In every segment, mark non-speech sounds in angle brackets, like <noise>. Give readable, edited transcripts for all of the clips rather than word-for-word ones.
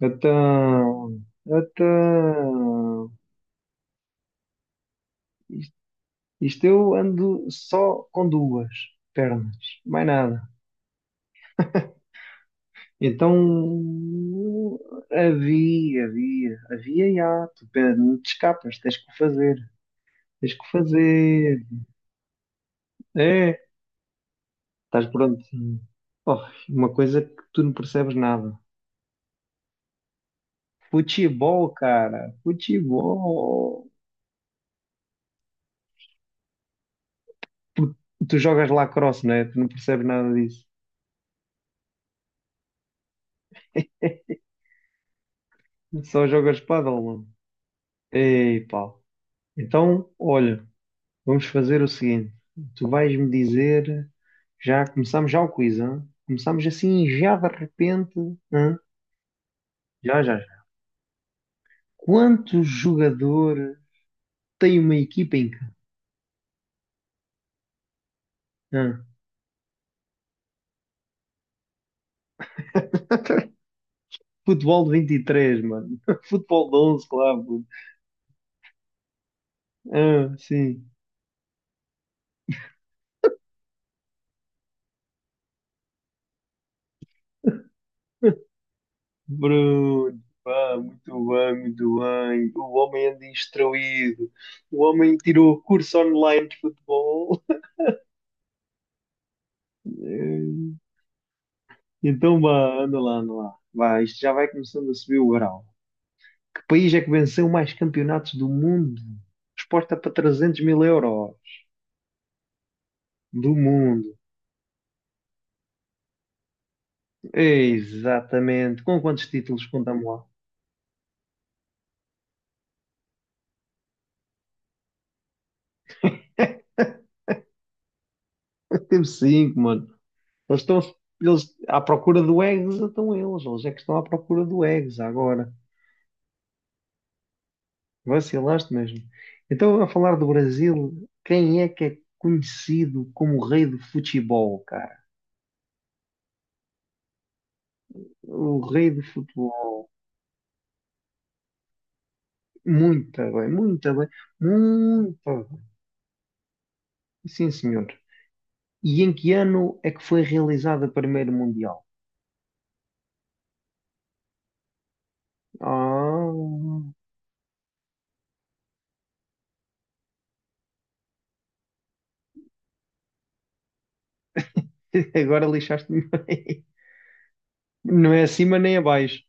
Então, então, isto, isto eu ando só com duas pernas, mais nada. Então, havia, já, não te escapas, tens que o fazer, tens que o fazer. É, estás pronto. Oh, uma coisa que tu não percebes nada. Futebol, cara, futebol. Tu, tu jogas lacrosse, não é? Tu não percebes nada disso. Só jogas pádel. Ei, Paulo. Então, olha, vamos fazer o seguinte. Tu vais-me dizer, já começamos já o quiz, hã? Começamos assim já de repente, hã? Já, já, já. Quanto jogador tem uma equipa em campo? Hã? Futebol de 23, mano. <laughs> Futebol de 11, claro, puto. Ah, sim. Bruno, pá, muito bem, muito bem. O homem anda instruído. O homem tirou curso online de futebol. <laughs> Então, vá, anda lá, anda lá. Vá, isto já vai começando a subir o grau. Que país é que venceu mais campeonatos do mundo? Resposta para 300 mil euros. Do mundo. Exatamente. Com quantos títulos contamos lá? <laughs> Temos cinco, mano. Eles estão eles à procura do Eggs, estão eles. Eles é que estão à procura do Eggs agora. Vacilaste mesmo. Então, a falar do Brasil, quem é que é conhecido como o rei do futebol, cara? O rei do futebol. Muito bem, muito bem, muito bem. Sim, senhor. E em que ano é que foi realizado o primeiro Mundial? Ah, <laughs> agora lixaste-me bem. Não é acima nem abaixo.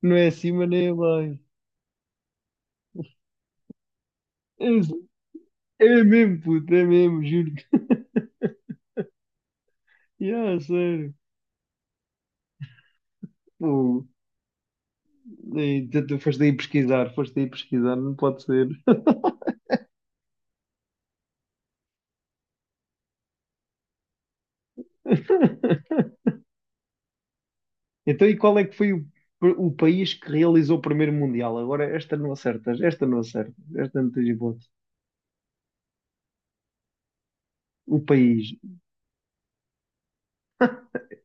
Não é acima nem abaixo. É, é mesmo, puto, é mesmo, juro-te. Yeah, sério. Pô, e tu foste aí pesquisar, não pode ser. <laughs> Então, e qual é que foi o país que realizou o primeiro Mundial? Agora, esta não acertas, esta não acertas, esta não tens hipótese. O país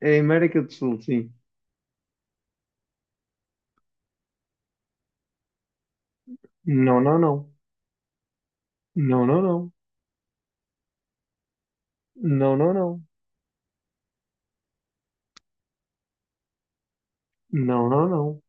é a América do Sul, sim. Não, não, não. Não, não, não. Não, não, não. Não, não, não.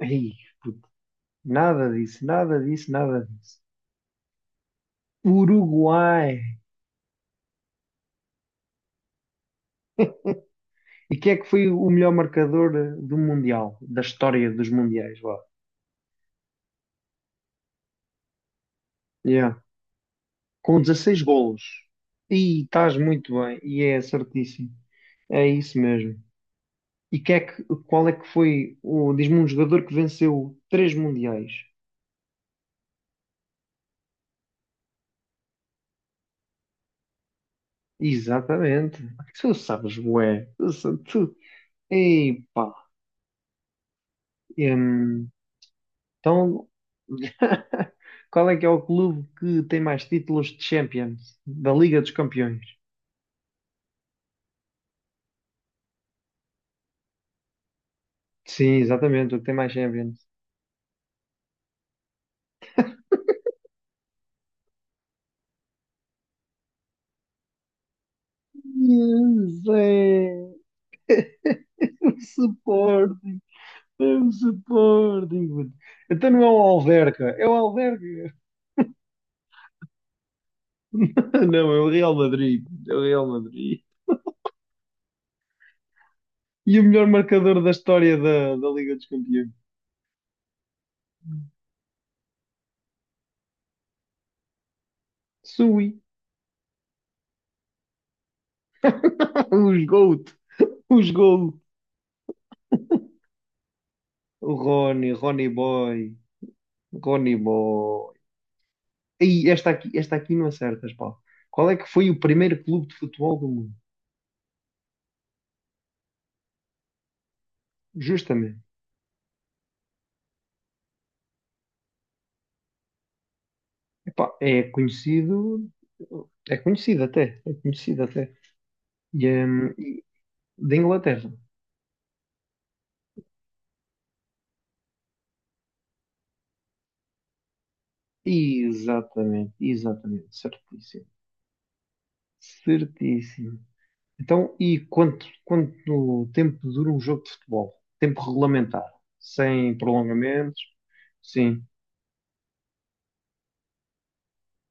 Ai, puto. Nada disso, nada disso, nada disso. Uruguai. E quem é que foi o melhor marcador do Mundial? Da história dos Mundiais, vá. Yeah. Com 16 golos. E estás muito bem. E é certíssimo. É isso mesmo. Qual é que foi, o diz-me um jogador que venceu três mundiais. Exatamente. Tu sabes, bué. Tu. Ei, pá. Hum, então, <laughs> qual é que é o clube que tem mais títulos de Champions? Da Liga dos Campeões. Sim, exatamente, o que tem mais Champions. Yes, é. O Sporting. É o Sporting. Então não é o Alverca. É o Alverca. <laughs> Ah, não, é o Real Madrid. É o Real Madrid. E o melhor marcador da história da Liga dos Campeões. Sui. <laughs> Os GOAT. Os GOAT. O Rony, Rony Boy. Rony Boy. E esta aqui não acertas, pá. Qual é que foi o primeiro clube de futebol do mundo? Justamente. Epá, é conhecido. É conhecido até. É conhecido até. E, hum, e- Da Inglaterra. Exatamente, exatamente. Certíssimo. Certíssimo. Então, e quanto tempo dura um jogo de futebol? Tempo regulamentar, sem prolongamentos? Sim,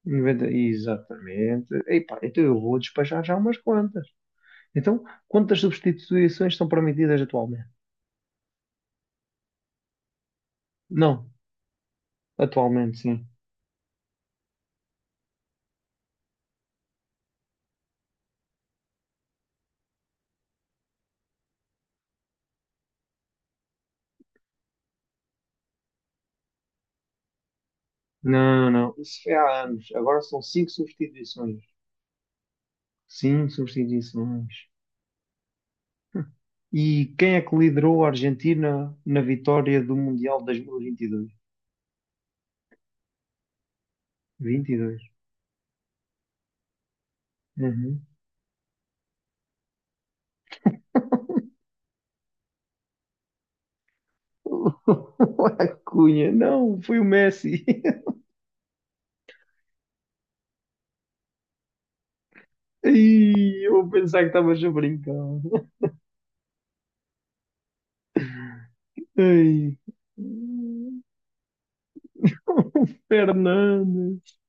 90, exatamente. Epá, então eu vou despachar já umas quantas. Então, quantas substituições são permitidas atualmente? Não, atualmente sim. Não, não, isso foi há anos. Agora são cinco substituições. Cinco substituições. E quem é que liderou a Argentina na vitória do Mundial de 2022? 22. <laughs> O Acunha, não, foi o Messi. <laughs> Ai, eu vou pensar que estavas a brincar. Ai. <laughs> O Fernandes.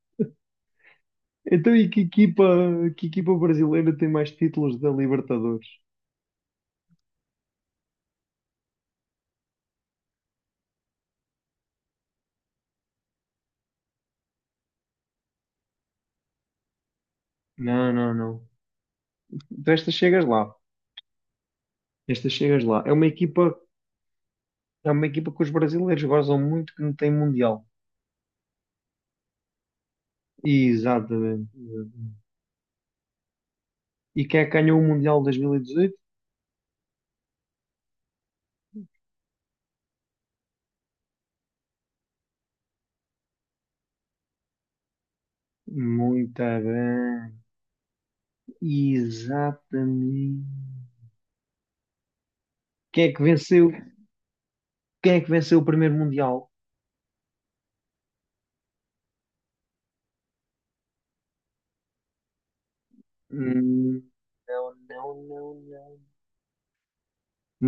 Então, e que equipa brasileira tem mais títulos da Libertadores? Não, não, não. Tu esta chegas lá. Esta chegas lá. É uma equipa que os brasileiros gozam muito que não tem Mundial. Exatamente. E quem é que ganhou o Mundial de 2018? Muito bem. Exatamente. Quem é que venceu? Quem é que venceu o primeiro Mundial? Hum, não, não, não, não.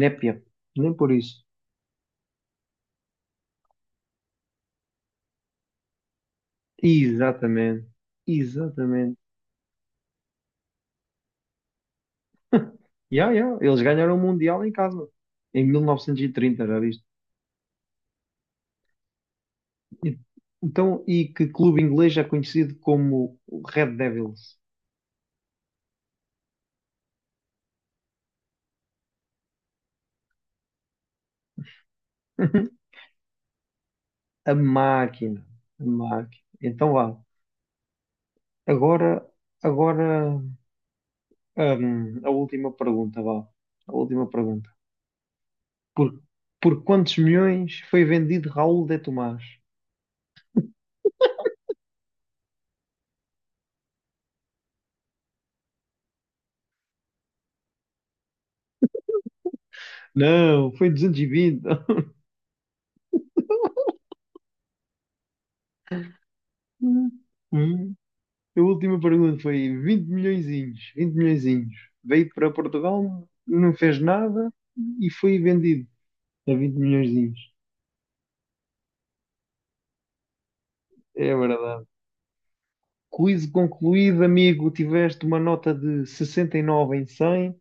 Népia. Nem por isso. Exatamente. Exatamente. Yeah, yeah. Eles ganharam o Mundial em casa. Em 1930, já viste? E- Então, e que clube inglês é conhecido como o Red Devils? <laughs> A máquina. A máquina. Então vá. Agora, agora. A última pergunta, vá. A última pergunta. Por, por quantos milhões foi vendido Raul de Tomás? Não, foi 220. <laughs> Hum, A última pergunta foi 20 milhõezinhos, 20 milhõezinhos. Veio para Portugal, não fez nada e foi vendido a 20 milhõezinhos. É verdade. Quiz concluído, amigo. Tiveste uma nota de 69 em 100.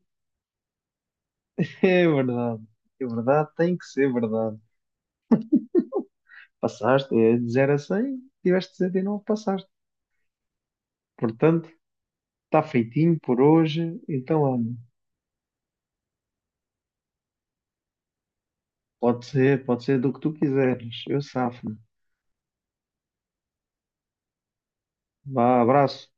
<laughs> É verdade. É verdade, tem que ser verdade. Passaste, é de 0 a 100, tiveste 69, passaste. Portanto, está feitinho por hoje, então olha, pode ser do que tu quiseres, eu safo-me. Vá, abraço.